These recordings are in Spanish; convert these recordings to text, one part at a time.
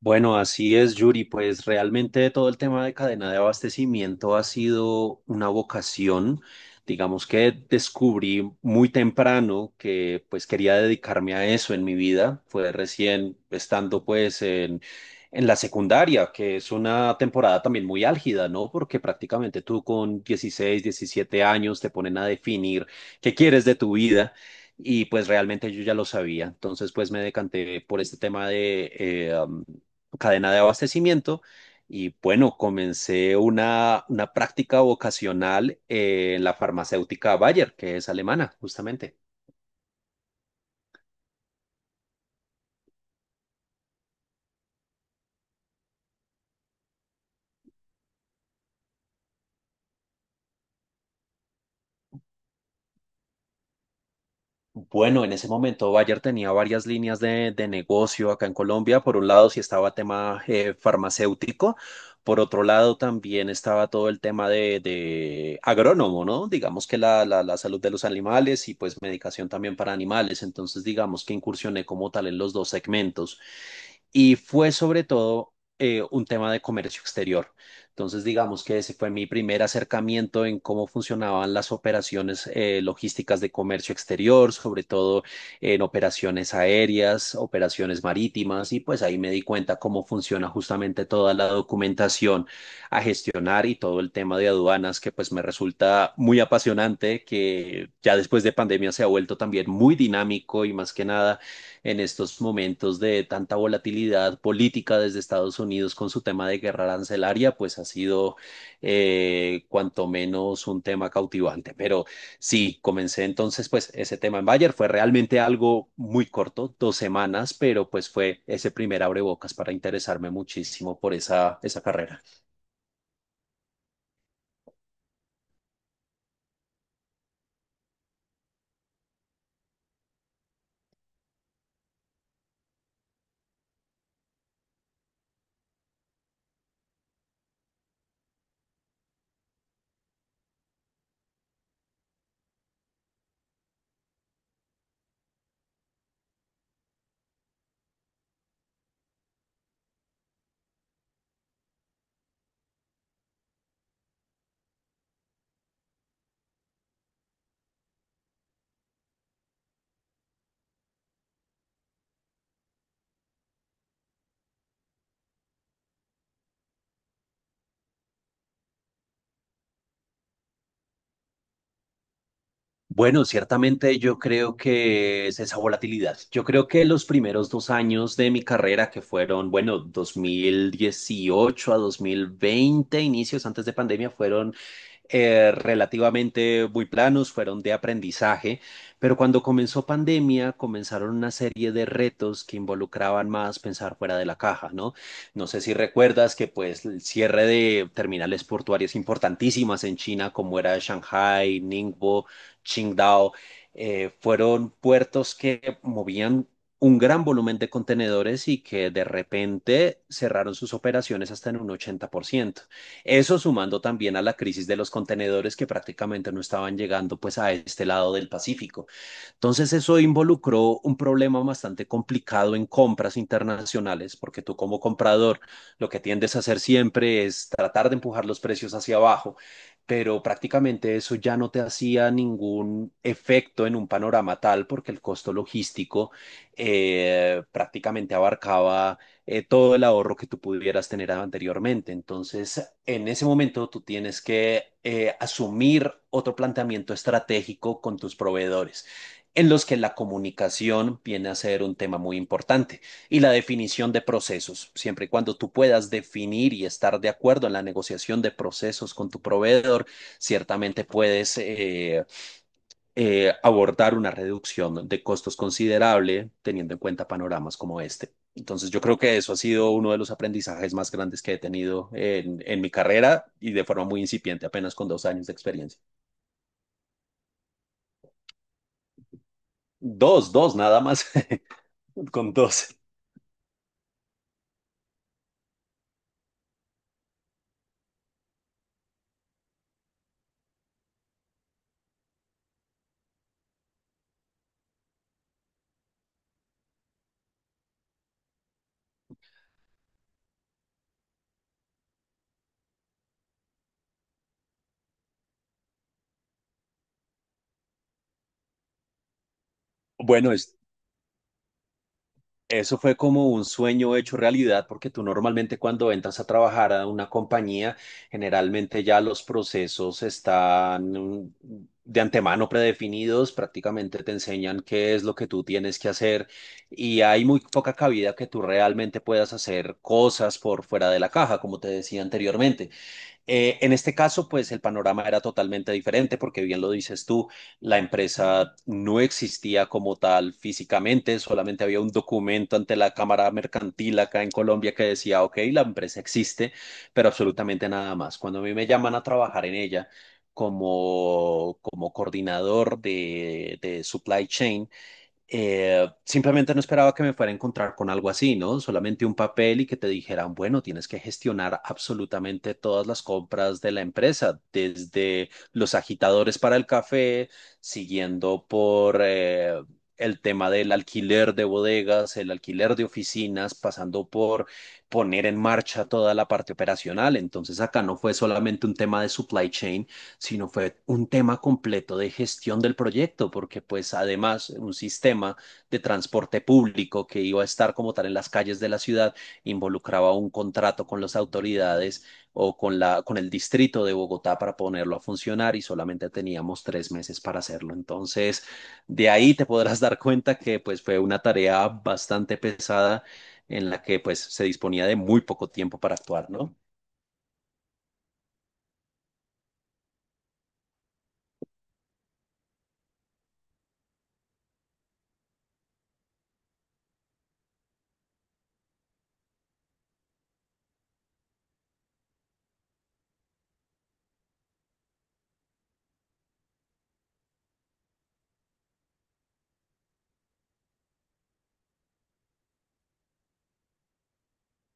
Bueno, así es, Yuri. Pues realmente todo el tema de cadena de abastecimiento ha sido una vocación. Digamos que descubrí muy temprano que pues quería dedicarme a eso en mi vida. Fue recién estando pues en la secundaria, que es una temporada también muy álgida, ¿no? Porque prácticamente tú con 16, 17 años te ponen a definir qué quieres de tu vida. Y pues realmente yo ya lo sabía. Entonces pues me decanté por este tema de cadena de abastecimiento. Y bueno, comencé una práctica vocacional en la farmacéutica Bayer, que es alemana, justamente. Bueno, en ese momento Bayer tenía varias líneas de negocio acá en Colombia. Por un lado, sí estaba tema farmacéutico. Por otro lado, también estaba todo el tema de agrónomo, ¿no? Digamos que la salud de los animales y pues medicación también para animales. Entonces, digamos que incursioné como tal en los dos segmentos. Y fue sobre todo un tema de comercio exterior. Entonces, digamos que ese fue mi primer acercamiento en cómo funcionaban las operaciones logísticas de comercio exterior, sobre todo en operaciones aéreas, operaciones marítimas, y pues ahí me di cuenta cómo funciona justamente toda la documentación a gestionar y todo el tema de aduanas que pues me resulta muy apasionante, que ya después de pandemia se ha vuelto también muy dinámico y más que nada en estos momentos de tanta volatilidad política desde Estados Unidos con su tema de guerra arancelaria, pues ha sido cuanto menos un tema cautivante. Pero sí, comencé entonces pues ese tema en Bayer. Fue realmente algo muy corto, 2 semanas, pero pues fue ese primer abrebocas para interesarme muchísimo por esa carrera. Bueno, ciertamente yo creo que es esa volatilidad. Yo creo que los primeros 2 años de mi carrera, que fueron, bueno, 2018 a 2020, inicios antes de pandemia, fueron relativamente muy planos, fueron de aprendizaje, pero cuando comenzó pandemia comenzaron una serie de retos que involucraban más pensar fuera de la caja, ¿no? No sé si recuerdas que pues el cierre de terminales portuarias importantísimas en China como era Shanghai, Ningbo, Qingdao, fueron puertos que movían un gran volumen de contenedores y que de repente cerraron sus operaciones hasta en un 80%. Eso sumando también a la crisis de los contenedores que prácticamente no estaban llegando pues a este lado del Pacífico. Entonces eso involucró un problema bastante complicado en compras internacionales, porque tú como comprador lo que tiendes a hacer siempre es tratar de empujar los precios hacia abajo, pero prácticamente eso ya no te hacía ningún efecto en un panorama tal, porque el costo logístico prácticamente abarcaba todo el ahorro que tú pudieras tener anteriormente. Entonces, en ese momento tú tienes que asumir otro planteamiento estratégico con tus proveedores en los que la comunicación viene a ser un tema muy importante y la definición de procesos. Siempre y cuando tú puedas definir y estar de acuerdo en la negociación de procesos con tu proveedor, ciertamente puedes abordar una reducción de costos considerable teniendo en cuenta panoramas como este. Entonces yo creo que eso ha sido uno de los aprendizajes más grandes que he tenido en, mi carrera y de forma muy incipiente, apenas con 2 años de experiencia. Dos, dos, nada más, con dos. Bueno, es eso fue como un sueño hecho realidad, porque tú normalmente cuando entras a trabajar a una compañía, generalmente ya los procesos están de antemano predefinidos, prácticamente te enseñan qué es lo que tú tienes que hacer y hay muy poca cabida que tú realmente puedas hacer cosas por fuera de la caja, como te decía anteriormente. En este caso, pues el panorama era totalmente diferente porque bien lo dices tú, la empresa no existía como tal físicamente, solamente había un documento ante la Cámara Mercantil acá en Colombia que decía, ok, la empresa existe, pero absolutamente nada más. Cuando a mí me llaman a trabajar en ella como, coordinador de supply chain, simplemente no esperaba que me fuera a encontrar con algo así, ¿no? Solamente un papel y que te dijeran, bueno, tienes que gestionar absolutamente todas las compras de la empresa, desde los agitadores para el café, siguiendo por el tema del alquiler de bodegas, el alquiler de oficinas, pasando por poner en marcha toda la parte operacional. Entonces acá no fue solamente un tema de supply chain, sino fue un tema completo de gestión del proyecto, porque pues además un sistema de transporte público que iba a estar como tal en las calles de la ciudad involucraba un contrato con las autoridades o con con el distrito de Bogotá para ponerlo a funcionar y solamente teníamos 3 meses para hacerlo. Entonces, de ahí te podrás dar cuenta que pues fue una tarea bastante pesada en la que pues se disponía de muy poco tiempo para actuar, ¿no?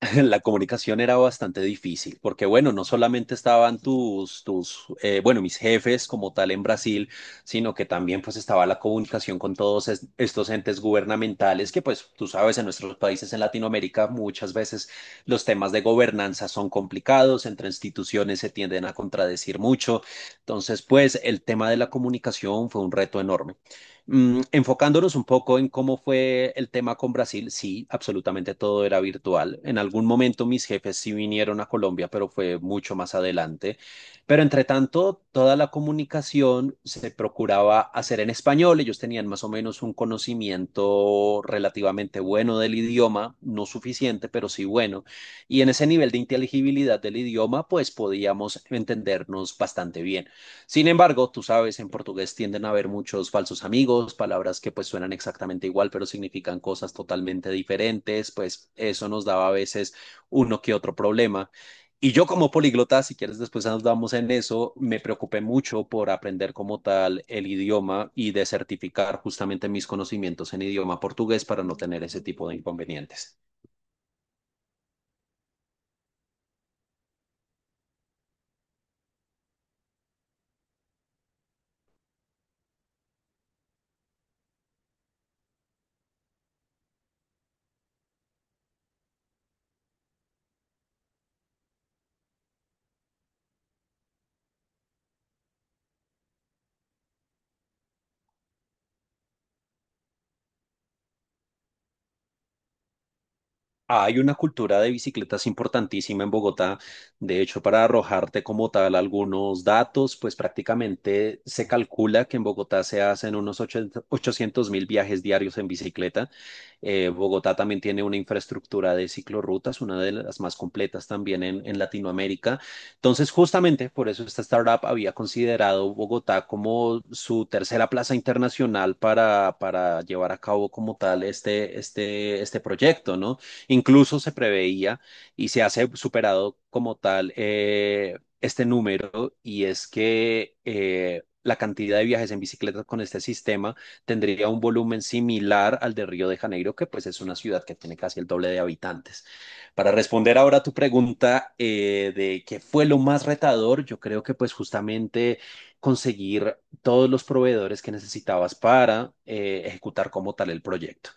La comunicación era bastante difícil, porque bueno, no solamente estaban bueno, mis jefes como tal en Brasil, sino que también pues estaba la comunicación con todos estos entes gubernamentales que pues tú sabes, en nuestros países en Latinoamérica muchas veces los temas de gobernanza son complicados, entre instituciones se tienden a contradecir mucho, entonces pues el tema de la comunicación fue un reto enorme. Enfocándonos un poco en cómo fue el tema con Brasil, sí, absolutamente todo era virtual. En algún momento mis jefes sí vinieron a Colombia, pero fue mucho más adelante. Pero entre tanto, toda la comunicación se procuraba hacer en español. Ellos tenían más o menos un conocimiento relativamente bueno del idioma, no suficiente, pero sí bueno. Y en ese nivel de inteligibilidad del idioma, pues podíamos entendernos bastante bien. Sin embargo, tú sabes, en portugués tienden a haber muchos falsos amigos, palabras que pues suenan exactamente igual, pero significan cosas totalmente diferentes, pues eso nos daba a veces uno que otro problema. Y yo como políglota, si quieres después andamos en eso, me preocupé mucho por aprender como tal el idioma y de certificar justamente mis conocimientos en idioma portugués para no tener ese tipo de inconvenientes. Hay una cultura de bicicletas importantísima en Bogotá. De hecho, para arrojarte como tal algunos datos, pues prácticamente se calcula que en Bogotá se hacen unos 800 mil viajes diarios en bicicleta. Bogotá también tiene una infraestructura de ciclorrutas, una de las más completas también en Latinoamérica. Entonces, justamente por eso esta startup había considerado Bogotá como su tercera plaza internacional para, llevar a cabo como tal este proyecto, ¿no? Incluso se preveía y se ha superado como tal este número y es que la cantidad de viajes en bicicleta con este sistema tendría un volumen similar al de Río de Janeiro, que pues es una ciudad que tiene casi el doble de habitantes. Para responder ahora a tu pregunta de qué fue lo más retador, yo creo que pues justamente conseguir todos los proveedores que necesitabas para ejecutar como tal el proyecto.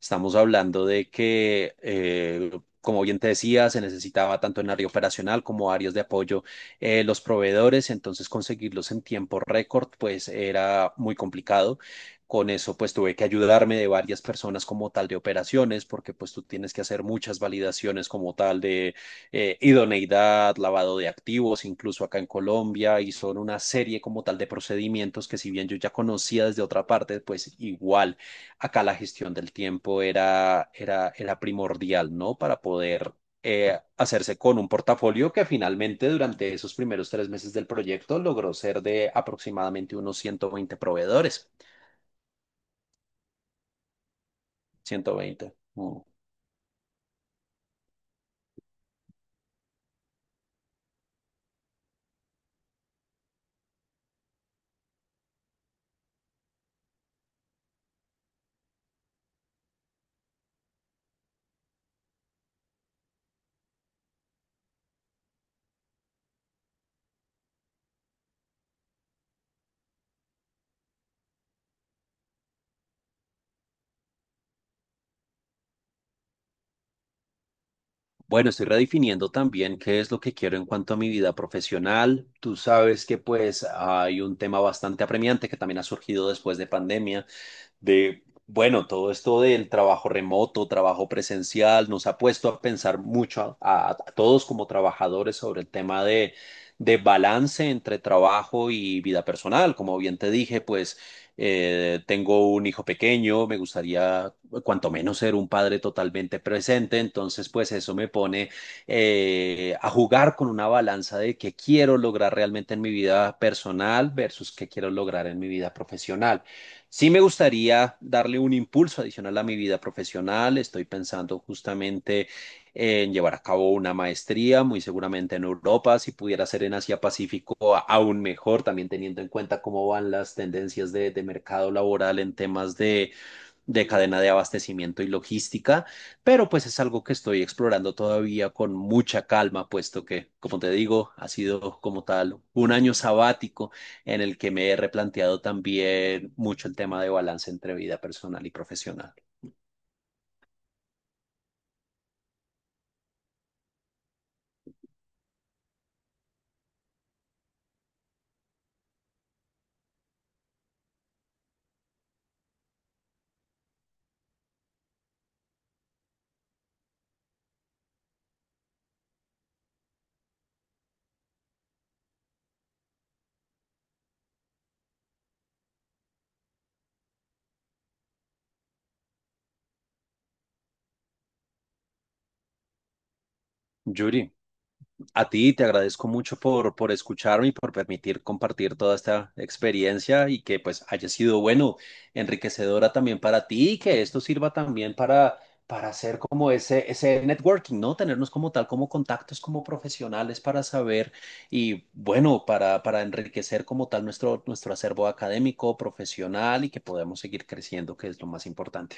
Estamos hablando de que, como bien te decía, se necesitaba tanto en área operacional como áreas de apoyo los proveedores, entonces conseguirlos en tiempo récord pues era muy complicado. Con eso pues tuve que ayudarme de varias personas como tal de operaciones, porque pues tú tienes que hacer muchas validaciones como tal de idoneidad, lavado de activos, incluso acá en Colombia, y son una serie como tal de procedimientos que si bien yo ya conocía desde otra parte, pues igual acá la gestión del tiempo era primordial, ¿no? Para poder hacerse con un portafolio que finalmente durante esos primeros 3 meses del proyecto logró ser de aproximadamente unos 120 proveedores. 120. Mm. Bueno, estoy redefiniendo también qué es lo que quiero en cuanto a mi vida profesional. Tú sabes que pues hay un tema bastante apremiante que también ha surgido después de pandemia de, bueno, todo esto del trabajo remoto, trabajo presencial, nos ha puesto a pensar mucho a, todos como trabajadores sobre el tema de balance entre trabajo y vida personal. Como bien te dije, pues tengo un hijo pequeño, me gustaría cuanto menos ser un padre totalmente presente, entonces pues eso me pone a jugar con una balanza de qué quiero lograr realmente en mi vida personal versus qué quiero lograr en mi vida profesional. Sí me gustaría darle un impulso adicional a mi vida profesional. Estoy pensando justamente en llevar a cabo una maestría, muy seguramente en Europa, si pudiera ser en Asia Pacífico, aún mejor, también teniendo en cuenta cómo van las tendencias de, mercado laboral en temas de cadena de abastecimiento y logística, pero pues es algo que estoy explorando todavía con mucha calma, puesto que, como te digo, ha sido como tal un año sabático en el que me he replanteado también mucho el tema de balance entre vida personal y profesional. Yuri, a ti te agradezco mucho por escucharme y por permitir compartir toda esta experiencia y que pues haya sido bueno, enriquecedora también para ti y que esto sirva también para, hacer como ese networking, ¿no? Tenernos como tal, como contactos, como profesionales para saber y bueno, para enriquecer como tal nuestro acervo académico, profesional y que podamos seguir creciendo, que es lo más importante.